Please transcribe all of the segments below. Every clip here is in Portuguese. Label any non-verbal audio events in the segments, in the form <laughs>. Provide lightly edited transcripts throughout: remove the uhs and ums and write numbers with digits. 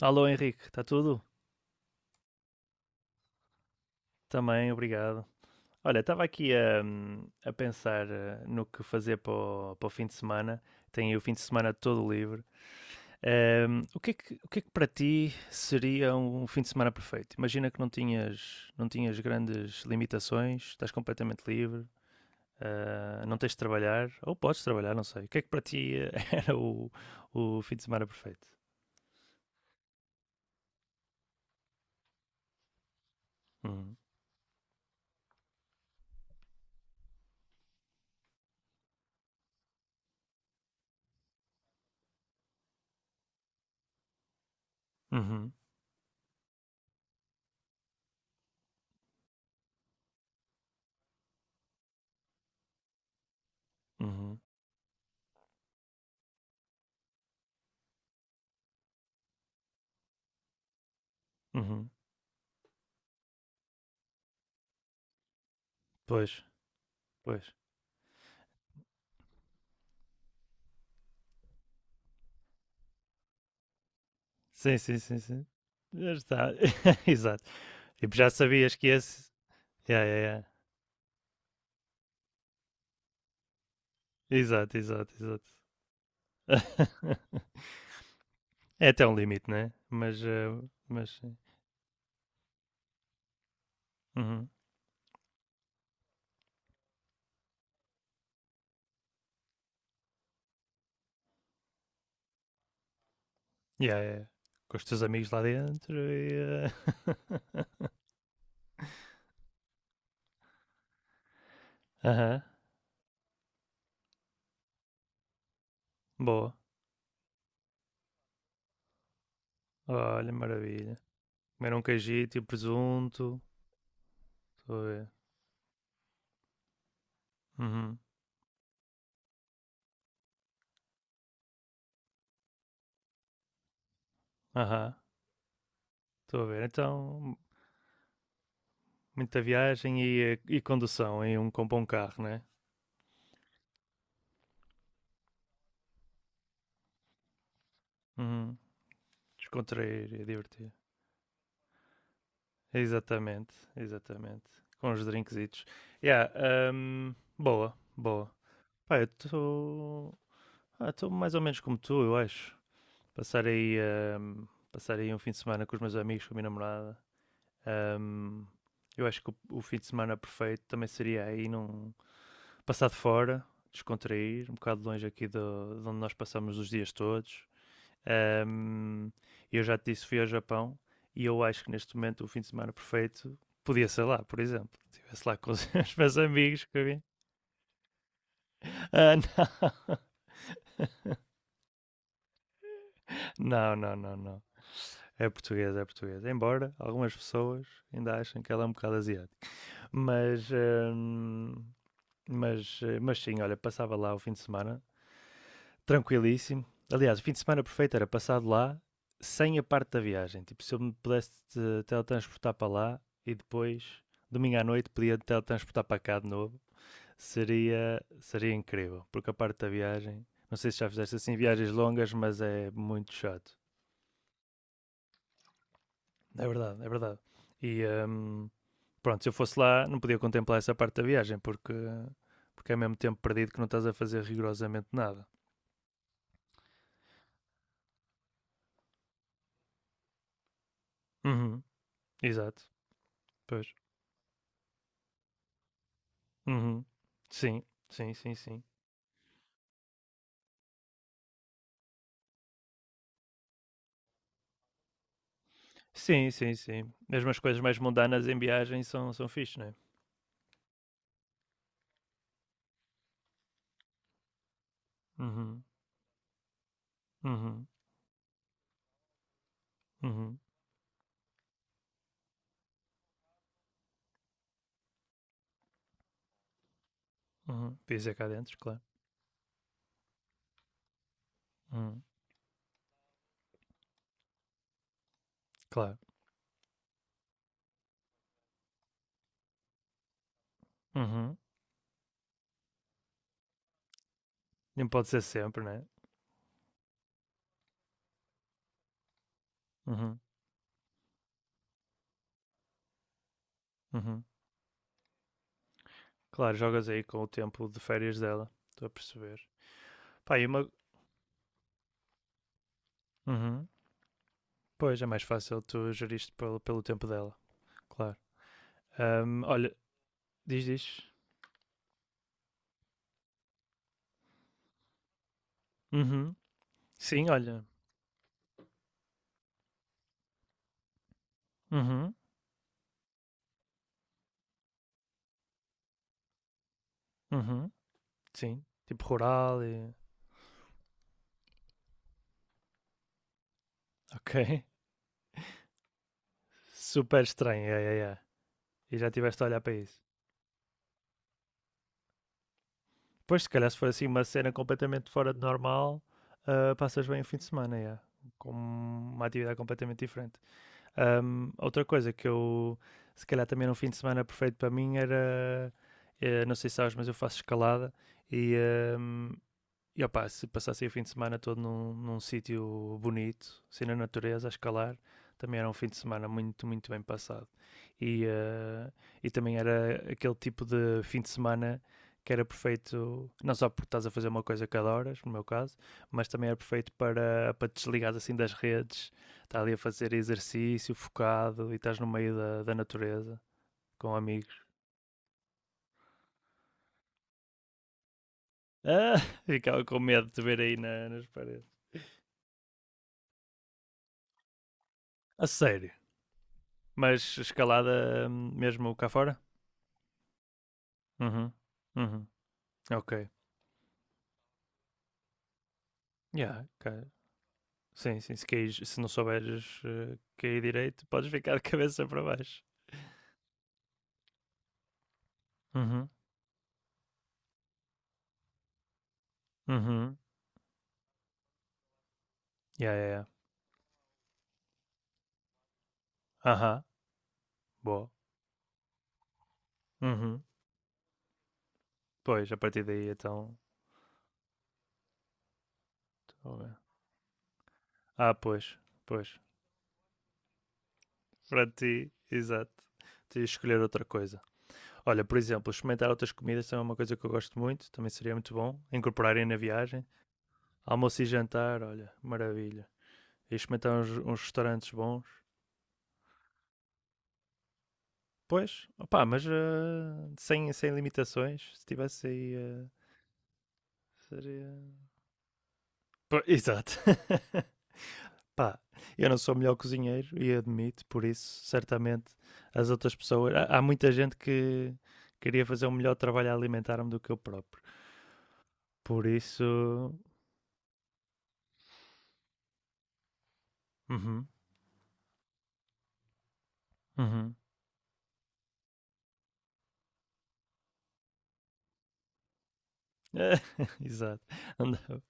Alô Henrique, está tudo? Também, obrigado. Olha, estava aqui a pensar no que fazer para o, para o fim de semana. Tenho aí o fim de semana todo livre. O que é que, o que é que para ti seria um fim de semana perfeito? Imagina que não tinhas grandes limitações, estás completamente livre, não tens de trabalhar, ou podes trabalhar, não sei. O que é que para ti <laughs> era o fim de semana perfeito? Uhum, uhum, uhum, uhum. Pois, pois. Sim, sim, sim, sim. Já está. <laughs> Exato. Tipo, já sabias que esse. Yeah, yeah, yeah. Exato, exato, exato. <laughs> É até um limite, né? Mas sim. Uhum. Yeah, yeah, yeah. Com os teus amigos lá dentro <laughs> Aham. Boa. Olha, maravilha. Comer um cajito e um presunto. Estou a ver. Uhum. Aham. Estou a ver. Então, muita viagem e condução com um bom carro, né? Uhum. Descontrair e divertir. Exatamente, exatamente. Com os drinkzitos. Yeah, boa, boa. Pá, eu estou. Ah, estou mais ou menos como tu, eu acho. Passar aí, hum, passar aí um fim de semana com os meus amigos, com a minha namorada. Hum, eu acho que o fim de semana perfeito também seria aí num. Passar de fora, descontrair, um bocado longe aqui de onde nós passamos os dias todos. Ahm, eu já te disse, fui ao Japão e eu acho que neste momento o fim de semana perfeito podia ser lá, por exemplo. Estivesse lá com os <laughs> meus amigos que eu vi. Ah, não. <laughs> Não, não, não, não. É português, é português. Embora algumas pessoas ainda achem que ela é um bocado asiática. Mas, ahm, mas sim, olha, passava lá o fim de semana tranquilíssimo. Aliás, o fim de semana perfeito era passado lá sem a parte da viagem. Tipo, se eu me pudesse teletransportar para lá e depois, domingo à noite, podia teletransportar para cá de novo, seria incrível. Porque a parte da viagem, não sei se já fizeste assim viagens longas, mas é muito chato. É verdade, é verdade. E pronto, se eu fosse lá, não podia contemplar essa parte da viagem, porque é mesmo tempo perdido que não estás a fazer rigorosamente nada. Uhum, exato, pois. Uhum. Sim, sim, sim, sim. Sim, sim, sim. Mesmo as coisas mais mundanas em viagem são fixe, né? Uhum, uhum, uhum, uhum. Pisa cá dentro, claro. Uhum, claro. Uhum. Não pode ser sempre, né? Uhum, uhum. Claro, jogas aí com o tempo de férias dela. Estou a perceber. Pá, e uma... Uhum. Pois, é mais fácil tu geriste pelo tempo dela. Claro. Olha, diz, diz. Uhum. Sim, olha. Uhum, uhum. Sim. Tipo rural e... Ok. Super estranho, é, é, é. E já estiveste a olhar para isso. Depois, se calhar, se for assim uma cena completamente fora de normal, ah, passas bem o fim de semana, é. Com uma atividade completamente diferente. Outra coisa que eu, se calhar, também era um fim de semana perfeito para mim era. Não sei se sabes, mas eu faço escalada e. ahm, e opá, se passasse o fim de semana todo num sítio bonito, assim na natureza, a escalar, também era um fim de semana muito, muito bem passado. E, eh, e também era aquele tipo de fim de semana que era perfeito, não só porque estás a fazer uma coisa cada hora no meu caso, mas também era perfeito para te desligares assim das redes, estás ali a fazer exercício focado e estás no meio da natureza com amigos. <laughs> Ah, ficava com medo de te ver aí nas paredes. A sério. Mas escalada mesmo cá fora? Uhum. Uhum. Ok. Yeah, cá. Sim, sim. Se não souberes cair direito, podes ficar de cabeça para baixo. Uhum. Uhum. Yeah, yeah, yeah. Aham. Boa. Uhum. Pois, a partir daí então. Tô a... Ah, pois. Pois. Para ti, exato. Tens de escolher outra coisa. Olha, por exemplo, experimentar outras comidas também é uma coisa que eu gosto muito. Também seria muito bom. Incorporarem na viagem. Almoço e jantar, olha, maravilha. E experimentar uns restaurantes bons. Pois, opá, mas sem limitações. Se tivesse aí. Seria. Pô, exato. <laughs> Pá, eu não sou o melhor cozinheiro e admito, por isso, certamente, as outras pessoas. Há muita gente que queria fazer um melhor trabalho a alimentar-me do que eu próprio. Por isso. Uhum, uhum. <laughs> Exato. Andava,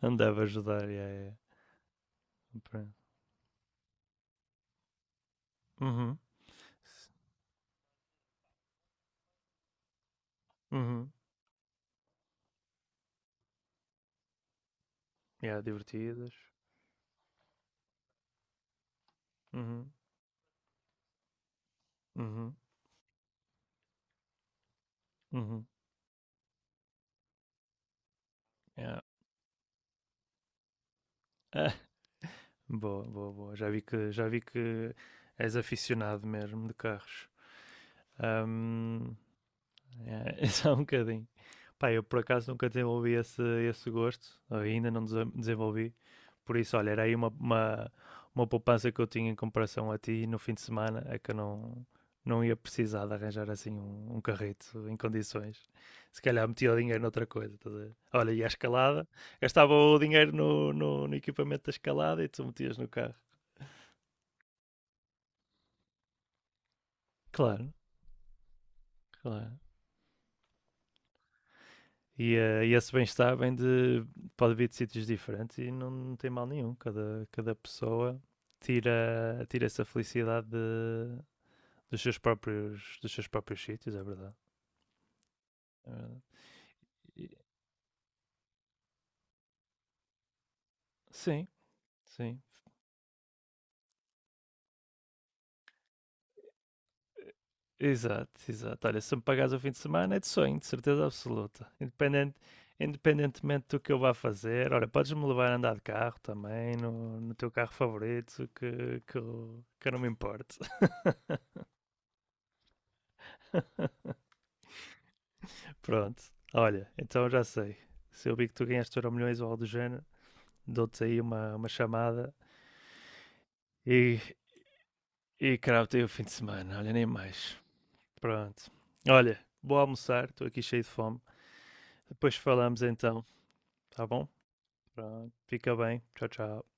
andava a ajudar. Yeah, yeah. Uhum. Uhum. Yeah, divertidas. Uhum. Uhum. Uhum. Yeah. <laughs> Ah, boa, boa, boa. Já vi que és aficionado mesmo de carros. Ahm, É, <laughs> é só um bocadinho. Pá, eu por acaso nunca desenvolvi esse gosto, ainda não desenvolvi. Por isso, olha, era aí uma poupança que eu tinha em comparação a ti no fim de semana, é que eu não ia precisar de arranjar assim um carrito em condições. Se calhar metia o dinheiro noutra coisa. Estás a ver? Olha, e a escalada, gastava o dinheiro no equipamento da escalada e tu metias no carro. Claro, claro. E esse bem-estar pode vir de sítios diferentes e não tem mal nenhum. Cada pessoa tira essa felicidade dos seus próprios sítios, é verdade. É verdade. E- sim, sim. Exato, exato. Olha, se me pagares o fim de semana é de sonho, de certeza absoluta. Independentemente do que eu vá fazer. Olha, podes-me levar a andar de carro também, no teu carro favorito, que eu não me importo. <laughs> Pronto. Olha, então já sei. Se eu vi que tu ganhaste euro milhões ou algo do género, dou-te aí uma chamada e, e cravo-te aí o fim de semana. Olha, nem mais. Pronto. Olha, vou almoçar, estou aqui cheio de fome. Depois falamos então, tá bom? Pronto. Fica bem. Tchau, tchau.